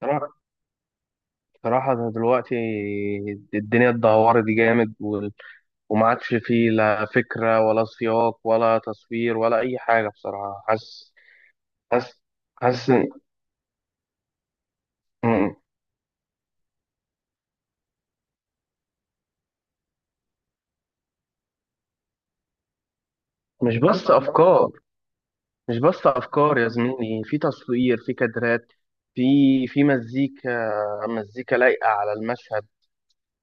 صراحة صراحة، ده دلوقتي الدنيا اتدهورت جامد وما عادش فيه لا فكرة ولا سياق ولا تصوير ولا أي حاجة بصراحة. حاسس حاسس. مم. مش بس أفكار، مش بس أفكار يا زميلي، في تصوير، في كادرات، في في مزيكا، مزيكا لايقة على المشهد،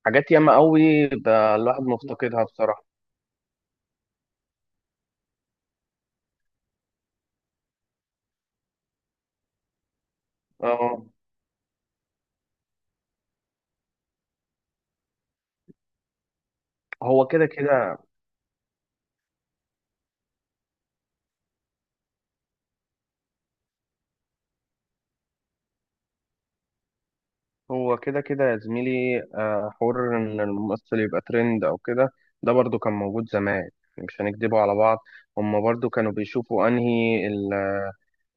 حاجات ياما قوي ده الواحد مفتقدها بصراحة. آه، هو كده كده، هو كده كده يا زميلي، حوار إن الممثل يبقى ترند أو كده ده برضو كان موجود زمان. يعني مش هنكدبه على بعض. هما برضو كانوا بيشوفوا أنهي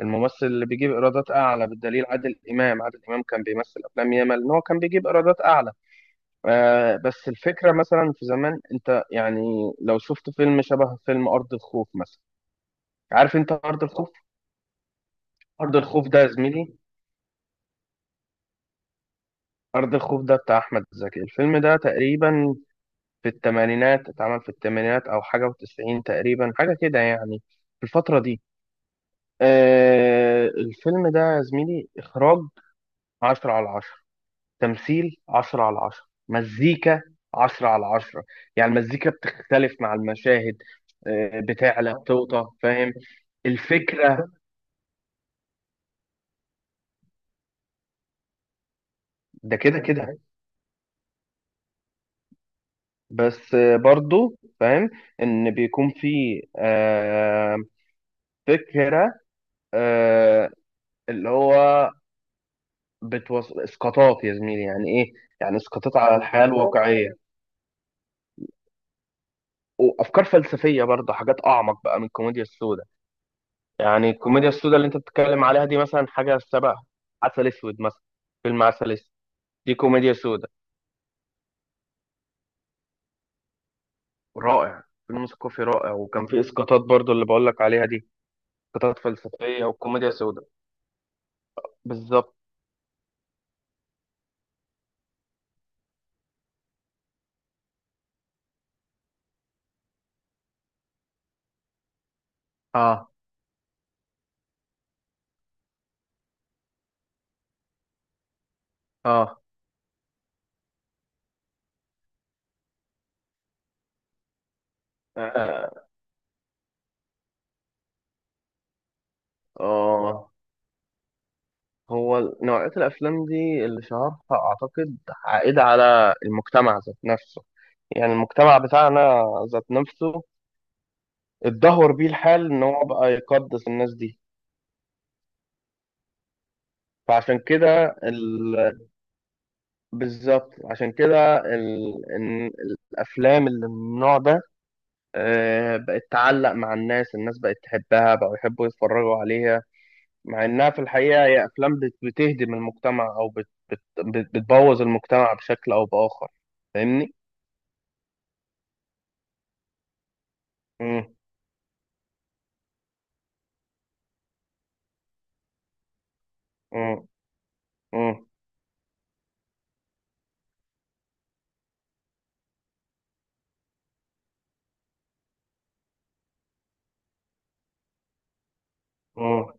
الممثل اللي بيجيب إيرادات أعلى. بالدليل عادل إمام، عادل إمام كان بيمثل أفلام ياما إن هو كان بيجيب إيرادات أعلى. بس الفكرة مثلا في زمان أنت، يعني لو شفت فيلم شبه فيلم أرض الخوف مثلا. عارف أنت أرض الخوف؟ أرض الخوف ده يا زميلي أرض الخوف ده بتاع أحمد زكي. الفيلم ده تقريبا في الثمانينات اتعمل، في الثمانينات او حاجه وتسعين تقريبا، حاجه كده يعني. في الفتره دي، الفيلم ده يا زميلي، اخراج 10/10، تمثيل 10/10، مزيكا 10/10. يعني المزيكا بتختلف مع المشاهد، بتعلى، بتوطى، فاهم الفكرة؟ ده كده كده، بس برضو فاهم ان بيكون في آه، فكرة، آه، اللي هو اسقاطات يا زميلي، يعني ايه. يعني اسقاطات على، يعني، الحياة، اسقاطات الواقعية، وافكار فلسفية برضه، حاجات اعمق بقى من الكوميديا السوداء. يعني الكوميديا السوداء اللي انت بتتكلم عليها دي مثلا حاجة شبه عسل اسود مثلا. فيلم عسل اسود دي كوميديا سوداء. رائع، فيلم ثقافي رائع وكان فيه اسقاطات برضه اللي بقول لك عليها دي، اسقاطات فلسفية وكوميديا سوداء. بالظبط. اه، اه، اه، آه. هو نوعية الأفلام دي اللي شهرها، أعتقد، عائد على المجتمع ذات نفسه. يعني المجتمع بتاعنا ذات نفسه اتدهور بيه الحال إن هو بقى يقدس الناس دي. فعشان كده ال... بالظبط عشان كده إن الأفلام اللي من النوع ده، بقت تعلق مع الناس. الناس بقت تحبها، بقوا يحبوا يتفرجوا عليها، مع إنها في الحقيقة هي أفلام بتهدم المجتمع، أو بتبوظ المجتمع بشكل أو بآخر. فاهمني؟ مم. مم. مم. مم.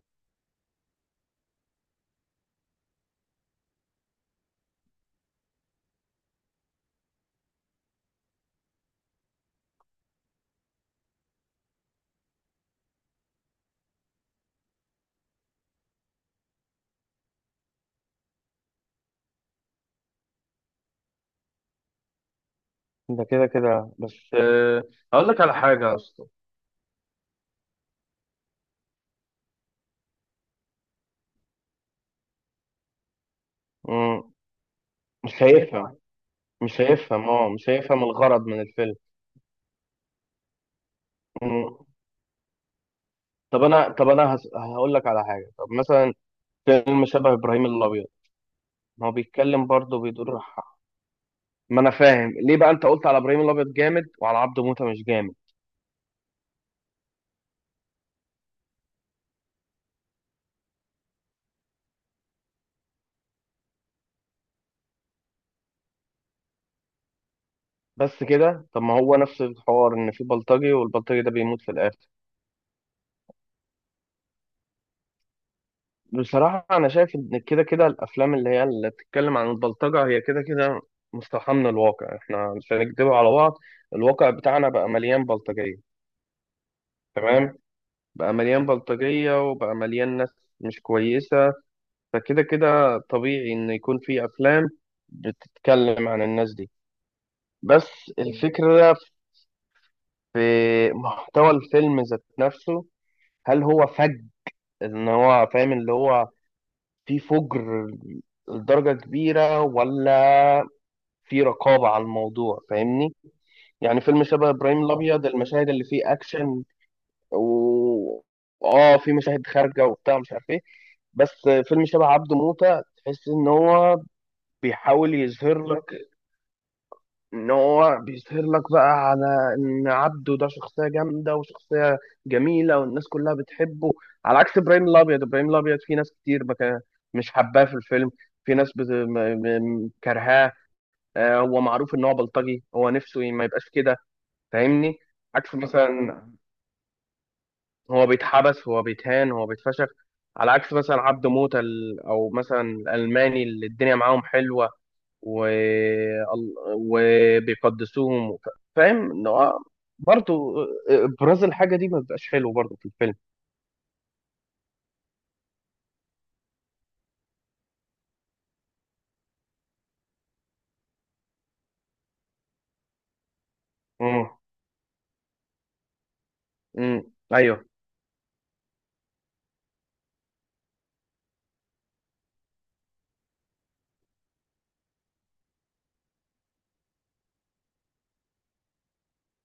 ده كده كده، بس اقول لك على حاجه يا اسطى. مم. مش هيفهم مش هيفهم الغرض من الفيلم. مم. هقول لك على حاجه، طب مثلا فيلم شبه ابراهيم الابيض، ما هو بيتكلم برضه، بيدور ما انا فاهم ليه بقى انت قلت على ابراهيم الابيض جامد وعلى عبده موته مش جامد. بس كده، طب ما هو نفس الحوار، ان في بلطجي والبلطجي ده بيموت في الاخر. بصراحة أنا شايف إن كده كده الأفلام اللي هي اللي بتتكلم عن البلطجة، هي كده كده مستوحاة من الواقع، إحنا مش هنكدب على بعض، الواقع بتاعنا بقى مليان بلطجية، تمام؟ بقى مليان بلطجية وبقى مليان ناس مش كويسة، فكده كده طبيعي إن يكون في أفلام بتتكلم عن الناس دي، بس الفكرة في محتوى الفيلم ذات نفسه، هل هو فج، إن هو فاهم اللي هو في فجر لدرجة كبيرة، ولا في رقابة على الموضوع، فاهمني؟ يعني فيلم شبه إبراهيم الأبيض المشاهد اللي فيه أكشن و اه في مشاهد خارجة وبتاع، مش عارف إيه. بس فيلم شبه عبده موتة تحس إن هو بيحاول يظهر لك، إن هو بيظهر لك بقى على إن عبده ده شخصية جامدة وشخصية جميلة والناس كلها بتحبه، على عكس إبراهيم الأبيض. إبراهيم الأبيض في ناس كتير مش حباه في الفيلم، في ناس كرهاه. هو معروف إن هو بلطجي، هو نفسه ما يبقاش كده. فاهمني؟ عكس مثلا، هو بيتحبس، هو بيتهان، هو بيتفشخ، على عكس مثلا عبده موتة او مثلا الالماني اللي الدنيا معاهم حلوه وبيقدسوهم فاهم إن هو برضه ابراز الحاجه دي ما بيبقاش حلو برضه في الفيلم. امم. امم. ايوه.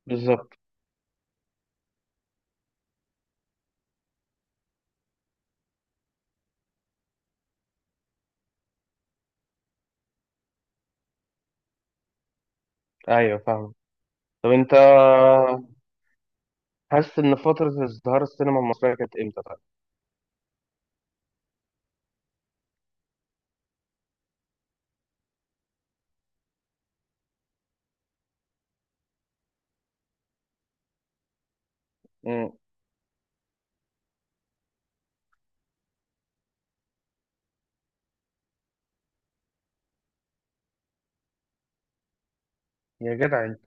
بالظبط. ايوه، فاهم. طب انت حاسس ان فتره ازدهار السينما المصريه كانت امتى، طيب؟ امم. يا جدع انت.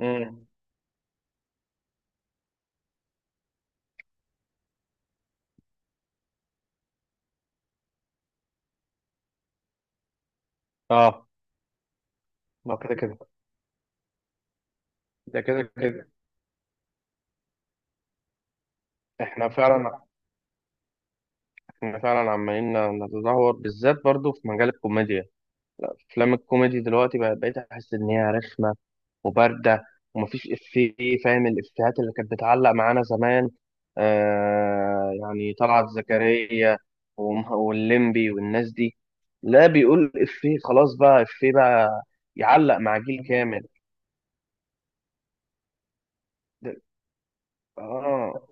امم. اه، ما كده كده، ده كده كده. احنا فعلا احنا فعلا عمالين نتدهور، بالذات برضو في مجال الكوميديا. لا، افلام الكوميدي دلوقتي بقيت احس ان هي رخمه وبارده ومفيش افيه. فاهم الافيهات اللي كانت بتعلق معانا زمان؟ يعني طلعت زكريا واللمبي والناس دي. لا، بيقول افيه خلاص، بقى افيه بقى يعلق مع جيل كامل. دل... اه.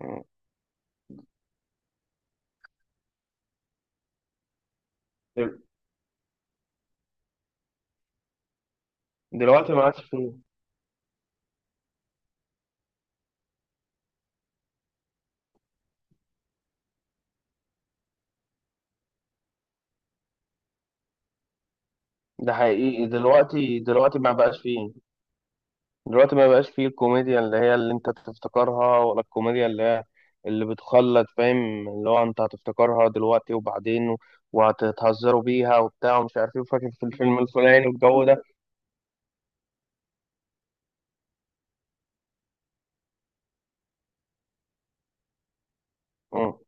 آه. دل... دلوقتي ما عادش فيه. ده حقيقي، دلوقتي ما بقاش فيه. دلوقتي ما بقاش فيه الكوميديا اللي هي اللي انت تفتكرها، ولا الكوميديا اللي هي اللي بتخلد، فاهم؟ اللي هو انت هتفتكرها دلوقتي وبعدين وهتتهزروا بيها وبتاع ومش عارف ايه، وفاكر في الفيلم الفلاني والجو ده. مم.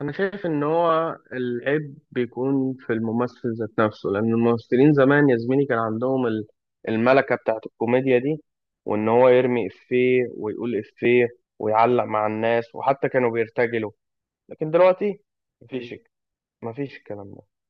انا شايف ان هو العيب بيكون في الممثل ذات نفسه، لان الممثلين زمان يا زميلي كان عندهم الملكة بتاعت الكوميديا دي، وان هو يرمي افيه ويقول افيه ويعلق مع الناس وحتى كانوا بيرتجلوا. لكن دلوقتي مفيش مفيش الكلام ده